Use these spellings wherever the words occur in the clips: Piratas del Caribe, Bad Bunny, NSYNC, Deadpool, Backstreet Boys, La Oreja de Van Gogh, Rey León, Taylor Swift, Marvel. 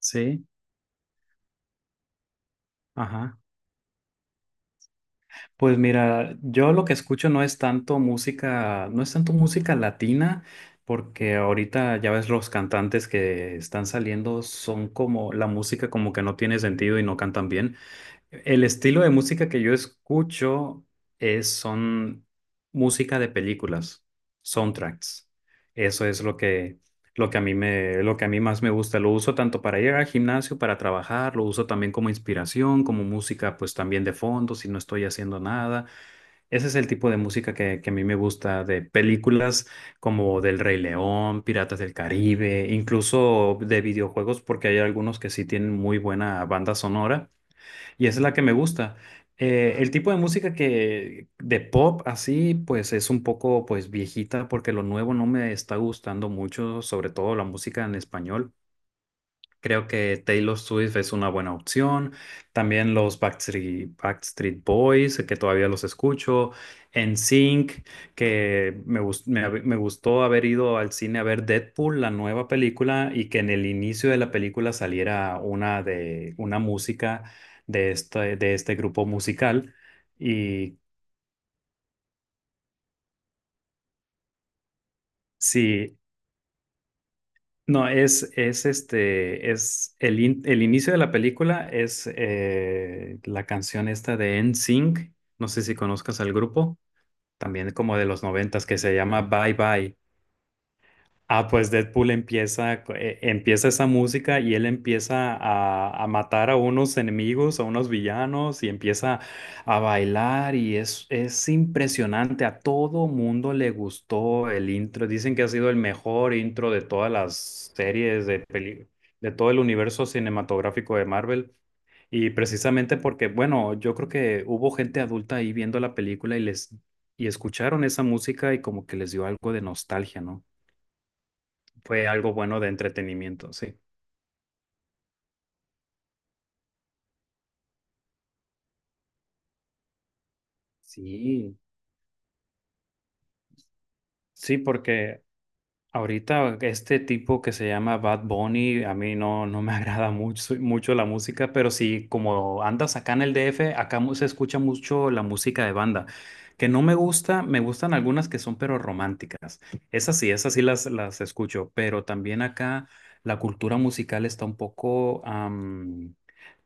Sí, ajá. Pues mira, yo lo que escucho no es tanto música, no es tanto música latina, porque ahorita ya ves los cantantes que están saliendo son como la música como que no tiene sentido y no cantan bien. El estilo de música que yo escucho es, son música de películas, soundtracks. Eso es lo que a mí me, lo que a mí más me gusta. Lo uso tanto para ir al gimnasio, para trabajar, lo uso también como inspiración, como música, pues también de fondo, si no estoy haciendo nada. Ese es el tipo de música que a mí me gusta de películas como del Rey León, Piratas del Caribe, incluso de videojuegos, porque hay algunos que sí tienen muy buena banda sonora y esa es la que me gusta. El tipo de música que de pop así, pues es un poco pues viejita porque lo nuevo no me está gustando mucho, sobre todo la música en español. Creo que Taylor Swift es una buena opción. También los Backstreet, Backstreet Boys, que todavía los escucho. NSYNC, que me gustó haber ido al cine a ver Deadpool, la nueva película, y que en el inicio de la película saliera una, de, una música de este grupo musical. Y sí. No, es este, es el, el inicio de la película es la canción esta de NSYNC. No sé si conozcas al grupo, también como de los noventas, que se llama Bye Bye. Ah, pues Deadpool empieza, empieza esa música y él empieza a matar a unos enemigos, a unos villanos y empieza a bailar y es impresionante. A todo mundo le gustó el intro. Dicen que ha sido el mejor intro de todas las series de peli, de todo el universo cinematográfico de Marvel. Y precisamente porque, bueno, yo creo que hubo gente adulta ahí viendo la película y les y escucharon esa música y como que les dio algo de nostalgia, ¿no? Fue algo bueno de entretenimiento, sí. Sí, sí, porque ahorita este tipo que se llama Bad Bunny, a mí no, no me agrada mucho, mucho la música, pero sí, como andas acá en el DF, acá se escucha mucho la música de banda, que no me gusta, me gustan algunas que son pero románticas. Esas sí las escucho, pero también acá la cultura musical está un poco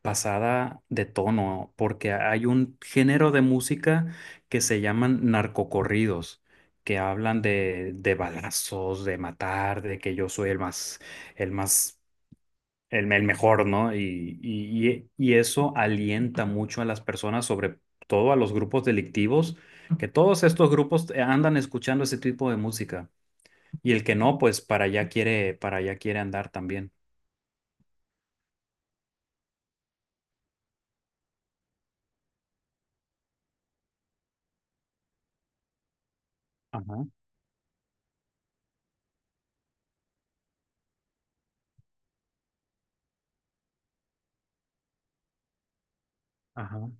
pasada de tono, porque hay un género de música que se llaman narcocorridos que hablan de balazos, de matar, de que yo soy el más, el más, el mejor, ¿no? Y eso alienta mucho a las personas, sobre todo a los grupos delictivos, que todos estos grupos andan escuchando ese tipo de música. Y el que no, pues para allá quiere andar también. Ajá, ajá,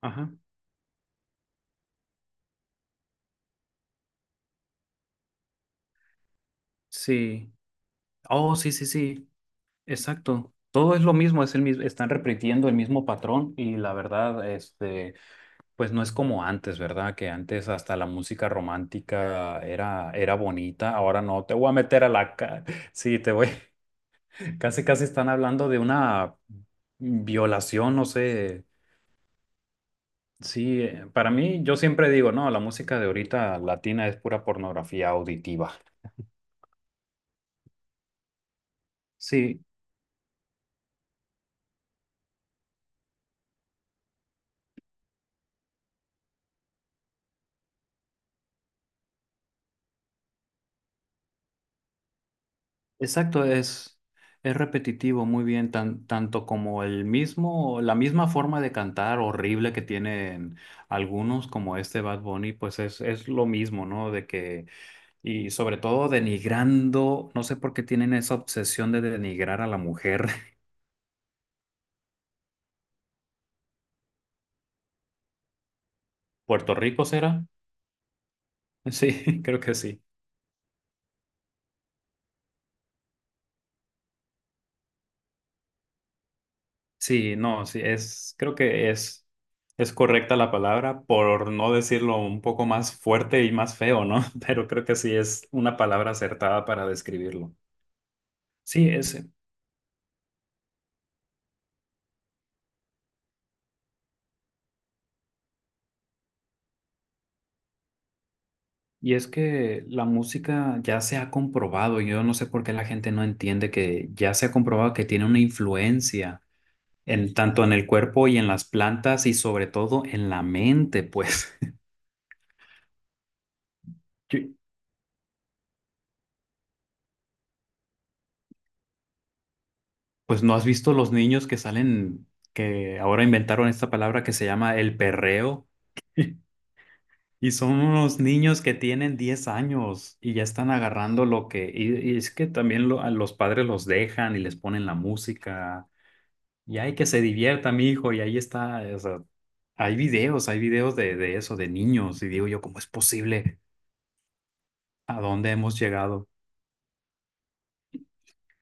ajá. Sí. Oh, sí, sí, sí. Exacto. Todo es lo mismo, es el mismo, están repitiendo el mismo patrón y la verdad, este, pues no es como antes, ¿verdad? Que antes hasta la música romántica era, era bonita, ahora no, te voy a meter a la... ca- Sí, te voy... Casi, casi están hablando de una violación, no sé. Sí, para mí yo siempre digo, no, la música de ahorita latina es pura pornografía auditiva. Sí, exacto, es repetitivo, muy bien, tanto como el mismo, la misma forma de cantar horrible que tienen algunos, como este Bad Bunny, pues es lo mismo, ¿no? De que, y sobre todo denigrando, no sé por qué tienen esa obsesión de denigrar a la mujer. ¿Puerto Rico será? Sí, creo que sí. Sí, no, sí, es, creo que es correcta la palabra, por no decirlo un poco más fuerte y más feo, ¿no? Pero creo que sí es una palabra acertada para describirlo. Sí, es, y es que la música ya se ha comprobado, yo no sé por qué la gente no entiende que ya se ha comprobado que tiene una influencia en tanto en el cuerpo y en las plantas y sobre todo en la mente, pues. Pues no has visto los niños que salen, que ahora inventaron esta palabra que se llama el perreo. Y son unos niños que tienen 10 años y ya están agarrando lo que... Y, y es que también a los padres los dejan y les ponen la música. Y hay que se divierta, mi hijo. Y ahí está, o sea, hay videos de eso, de niños. Y digo yo, ¿cómo es posible? ¿A dónde hemos llegado?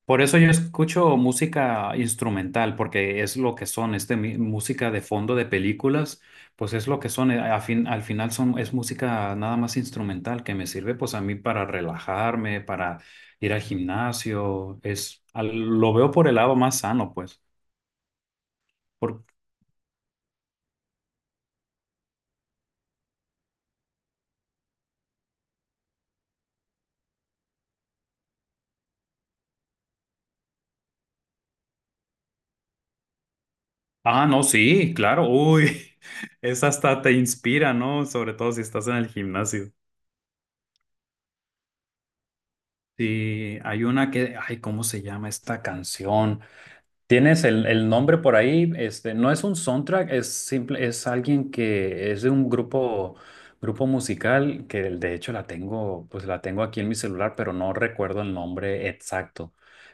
Por eso yo escucho música instrumental, porque es lo que son, este, música de fondo de películas, pues es lo que son, al final son, es música nada más instrumental que me sirve pues a mí para relajarme, para ir al gimnasio, es, lo veo por el lado más sano, pues. Por, ah, no, sí, claro, uy, es hasta te inspira, ¿no? Sobre todo si estás en el gimnasio. Sí, hay una que, ay, ¿cómo se llama esta canción? Tienes el nombre por ahí, este, no es un soundtrack, es simple, es alguien que es de un grupo, grupo musical que de hecho la tengo, pues la tengo aquí en mi celular, pero no recuerdo el nombre exacto.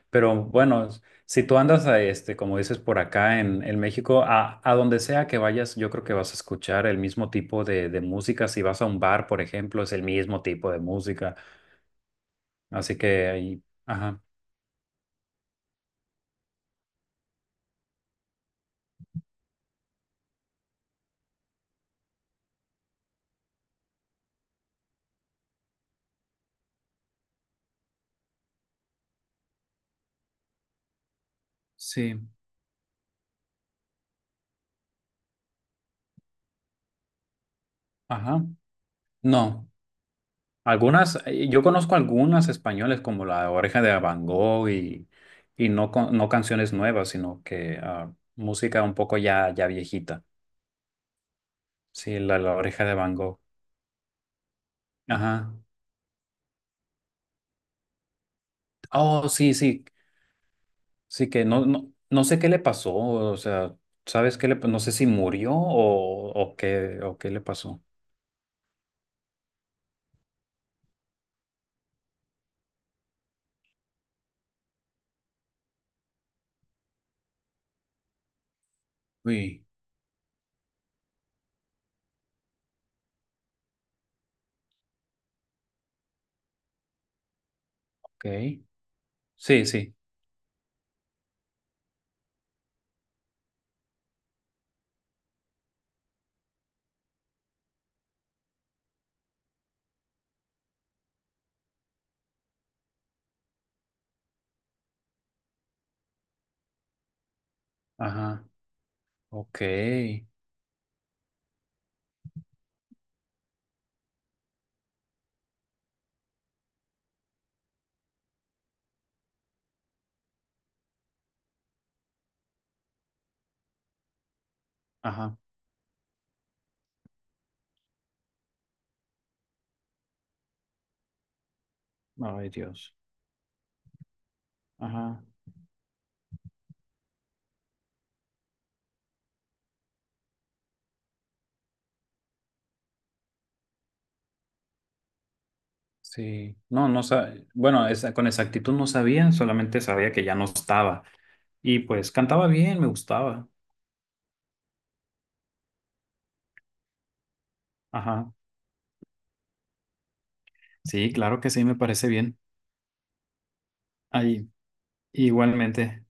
Pero bueno, si tú andas a este, como dices, por acá en México, a donde sea que vayas, yo creo que vas a escuchar el mismo tipo de música. Si vas a un bar, por ejemplo, es el mismo tipo de música. Así que ahí, ajá, sí. Ajá, no. Algunas, yo conozco algunas españoles como La Oreja de Van Gogh y no, no canciones nuevas, sino que ah, música un poco ya, ya viejita. Sí, la, La Oreja de Van Gogh. Ajá. Oh, sí, sí. Sí que no, no, no sé qué le pasó. O sea, ¿sabes qué no sé si murió o qué le pasó. Uy, ok. Sí, sí. Ajá. Ok. Ajá. Ay, Dios. Ajá. Sí, no, no sabía, bueno, esa, con exactitud no sabía, solamente sabía que ya no estaba. Y pues cantaba bien, me gustaba. Ajá. Sí, claro que sí, me parece bien. Ahí, igualmente.